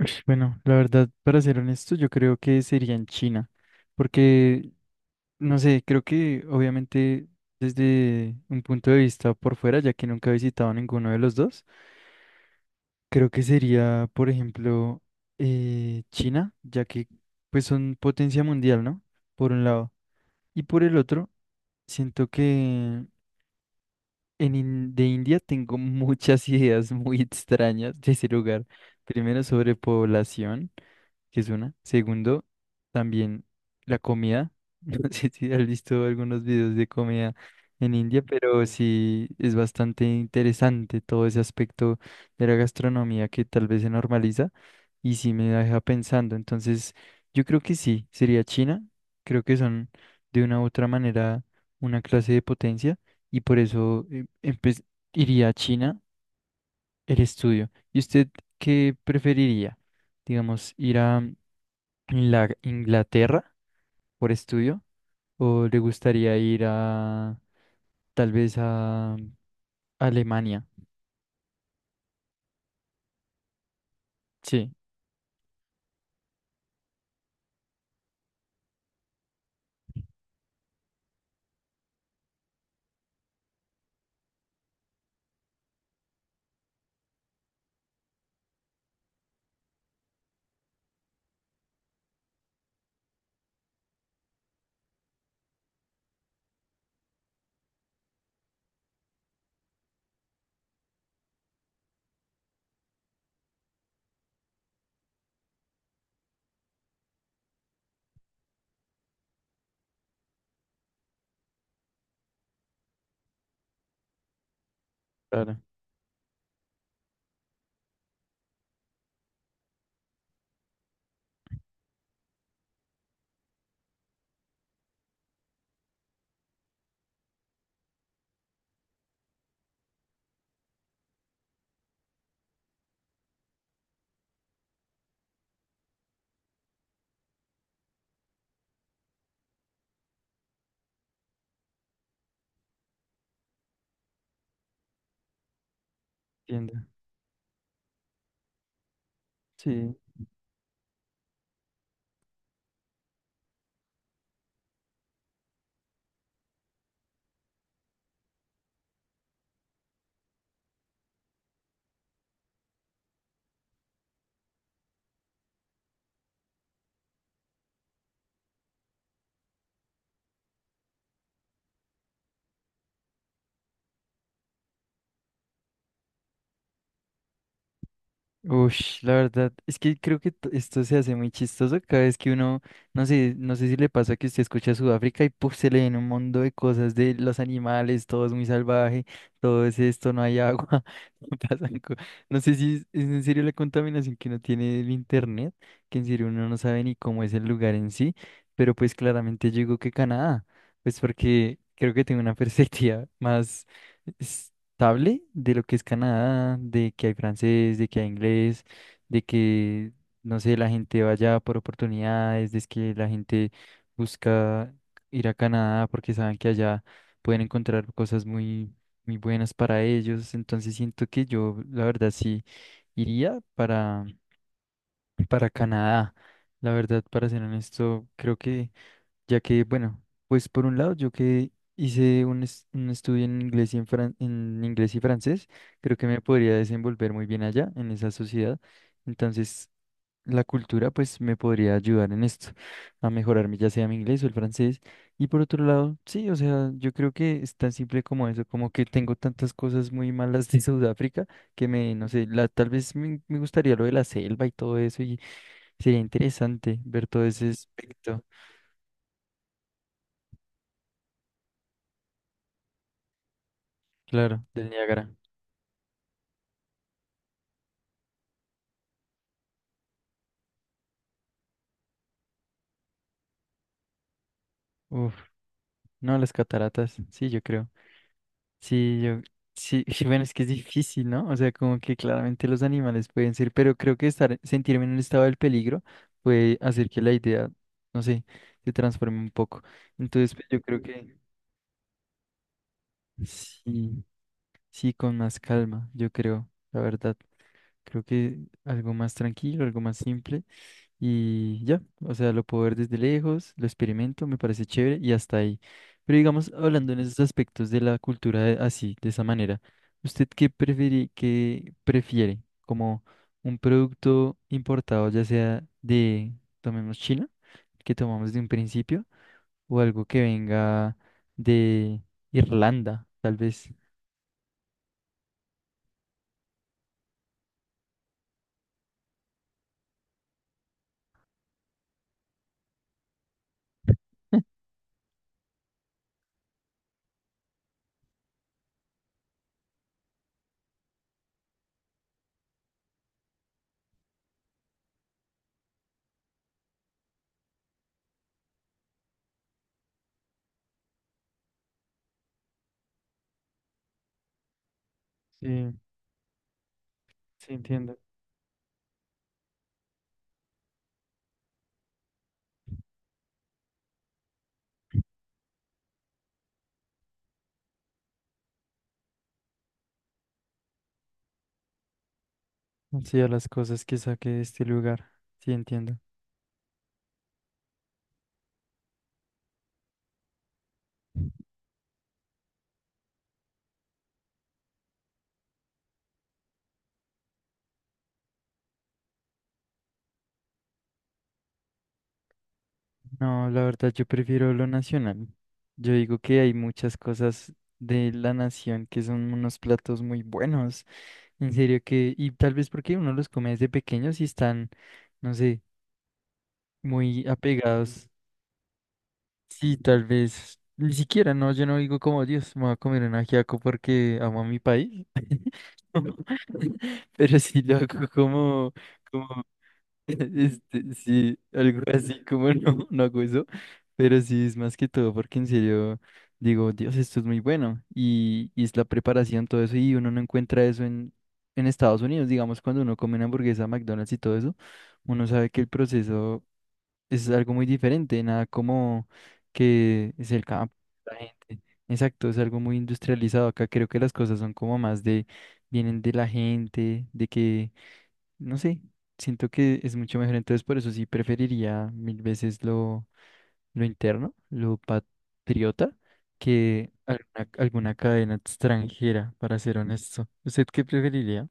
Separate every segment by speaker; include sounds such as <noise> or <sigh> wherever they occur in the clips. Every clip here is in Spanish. Speaker 1: Ush, bueno, la verdad, para ser honesto, yo creo que sería en China, porque, no sé, creo que obviamente desde un punto de vista por fuera, ya que nunca he visitado ninguno de los dos, creo que sería, por ejemplo, China, ya que pues son potencia mundial, ¿no? Por un lado. Y por el otro, siento que de India tengo <laughs> muchas ideas muy extrañas de ese lugar. Primero, sobre población, que es una. Segundo, también la comida. <laughs> No sé si has visto algunos videos de comida en India, pero sí es bastante interesante todo ese aspecto de la gastronomía que tal vez se normaliza y sí me deja pensando. Entonces, yo creo que sí, sería China. Creo que son de una u otra manera una clase de potencia y por eso iría a China el estudio. ¿Y usted qué preferiría? Digamos, ir a Inglaterra por estudio o le gustaría ir a tal vez a Alemania? Sí, claro, entiendo. Sí. Ush, la verdad, es que creo que esto se hace muy chistoso cada vez que uno, no sé, no sé si le pasa que usted escucha Sudáfrica y puf, se le viene un mundo de cosas de los animales, todo es muy salvaje, todo es esto, no hay agua, <laughs> pasan co- no sé si es en serio la contaminación que uno tiene del internet, que en serio uno no sabe ni cómo es el lugar en sí, pero pues claramente yo digo que Canadá, pues porque creo que tengo una <laughs> perspectiva más estable de lo que es Canadá, de que hay francés, de que hay inglés, de que, no sé, la gente vaya por oportunidades, de que la gente busca ir a Canadá porque saben que allá pueden encontrar cosas muy, muy buenas para ellos. Entonces siento que yo, la verdad, sí iría para Canadá. La verdad, para ser honesto, creo que ya que, bueno, pues por un lado, yo que hice un estudio en inglés y en inglés y francés, creo que me podría desenvolver muy bien allá, en esa sociedad. Entonces, la cultura, pues, me podría ayudar en esto, a mejorarme, ya sea mi inglés o el francés. Y por otro lado, sí, o sea, yo creo que es tan simple como eso, como que tengo tantas cosas muy malas de Sudáfrica que me, no sé, la, tal vez me gustaría lo de la selva y todo eso, y sería interesante ver todo ese aspecto, claro, del Niágara. Uf, no, las cataratas, sí, yo creo. Sí, yo, sí, <laughs> sí, bueno, es que es difícil, ¿no? O sea, como que claramente los animales pueden ser, pero creo que estar, sentirme en un estado del peligro puede hacer que la idea, no sé, se transforme un poco. Entonces, pues, yo creo que sí, sí, con más calma, yo creo, la verdad. Creo que algo más tranquilo, algo más simple. Y ya, o sea, lo puedo ver desde lejos, lo experimento, me parece chévere y hasta ahí. Pero digamos, hablando en esos aspectos de la cultura así, de esa manera, ¿usted qué prefiere, qué prefiere? ¿Como un producto importado, ya sea de, tomemos China, que tomamos de un principio, o algo que venga de Irlanda, tal vez? <laughs> Sí, sí entiendo. Sí, a las cosas que saque de este lugar, sí entiendo. No, la verdad yo prefiero lo nacional. Yo digo que hay muchas cosas de la nación que son unos platos muy buenos. En serio que, y tal vez porque uno los come desde pequeños y están, no sé, muy apegados. Sí, tal vez. Ni siquiera, no, yo no digo como Dios, me voy a comer un ajiaco porque amo a mi país. <laughs> <laughs> Pero sí lo hago como, como este, sí, algo así como <laughs> no, no hago eso, pero sí es más que todo porque en serio digo, Dios, esto es muy bueno y es la preparación, todo eso, y uno no encuentra eso en Estados Unidos, digamos, cuando uno come una hamburguesa, McDonald's y todo eso, uno sabe que el proceso es algo muy diferente, nada como que es el campo, la gente. Exacto, es algo muy industrializado. Acá creo que las cosas son como más de, vienen de la gente, de que no sé, siento que es mucho mejor, entonces por eso sí preferiría mil veces lo interno, lo patriota, que alguna, alguna cadena extranjera, para ser honesto. ¿Usted qué preferiría?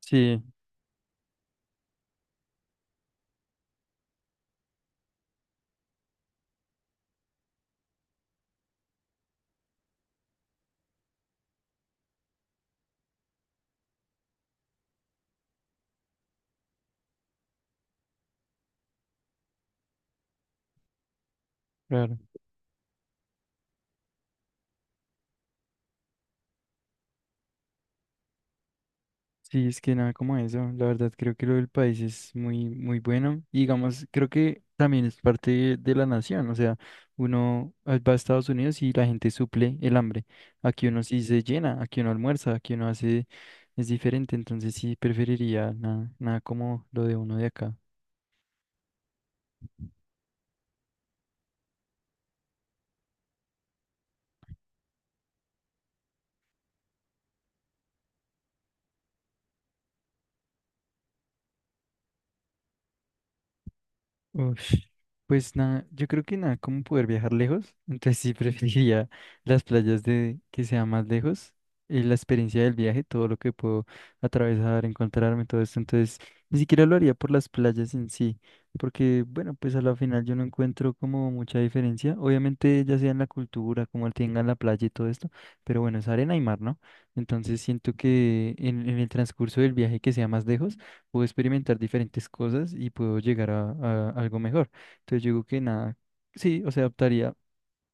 Speaker 1: Sí, claro. Sí, es que nada como eso. La verdad, creo que lo del país es muy, muy bueno. Y digamos, creo que también es parte de la nación. O sea, va a Estados Unidos y la gente suple el hambre. Aquí uno sí se llena, aquí uno almuerza, aquí uno hace, es diferente. Entonces sí preferiría nada, nada como lo de uno de acá. Uf, pues nada, yo creo que nada, como poder viajar lejos, <laughs> entonces sí preferiría las playas de que sea más lejos, la experiencia del viaje, todo lo que puedo atravesar, encontrarme, todo esto, entonces ni siquiera lo haría por las playas en sí, porque bueno, pues a la final yo no encuentro como mucha diferencia, obviamente ya sea en la cultura, como tengan la playa y todo esto, pero bueno, es arena y mar, ¿no? Entonces siento que en el transcurso del viaje que sea más lejos, puedo experimentar diferentes cosas y puedo llegar a algo mejor. Entonces yo digo que nada, sí, o sea, optaría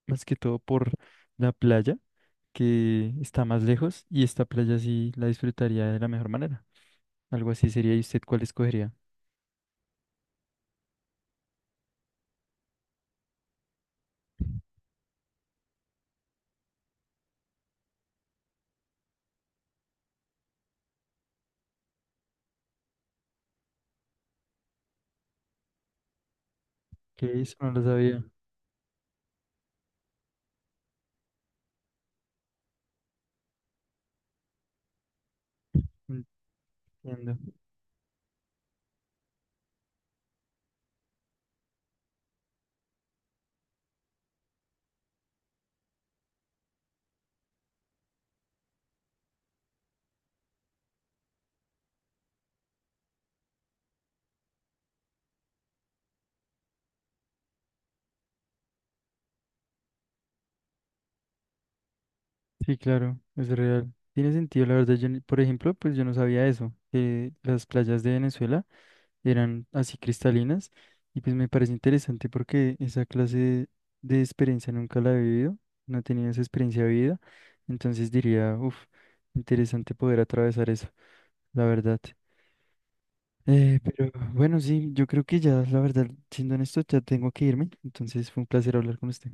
Speaker 1: más que todo por la playa, que está más lejos, y esta playa sí la disfrutaría de la mejor manera. Algo así sería, ¿y usted cuál escogería? Que eso no lo sabía. Entiendo. Sí, claro, es real. Tiene sentido, la verdad, yo, por ejemplo, pues yo no sabía eso, que las playas de Venezuela eran así cristalinas y pues me parece interesante porque esa clase de experiencia nunca la he vivido, no he tenido esa experiencia de vida, entonces diría, uff, interesante poder atravesar eso, la verdad. Pero bueno, sí, yo creo que ya, la verdad, siendo honesto, ya tengo que irme, entonces fue un placer hablar con usted.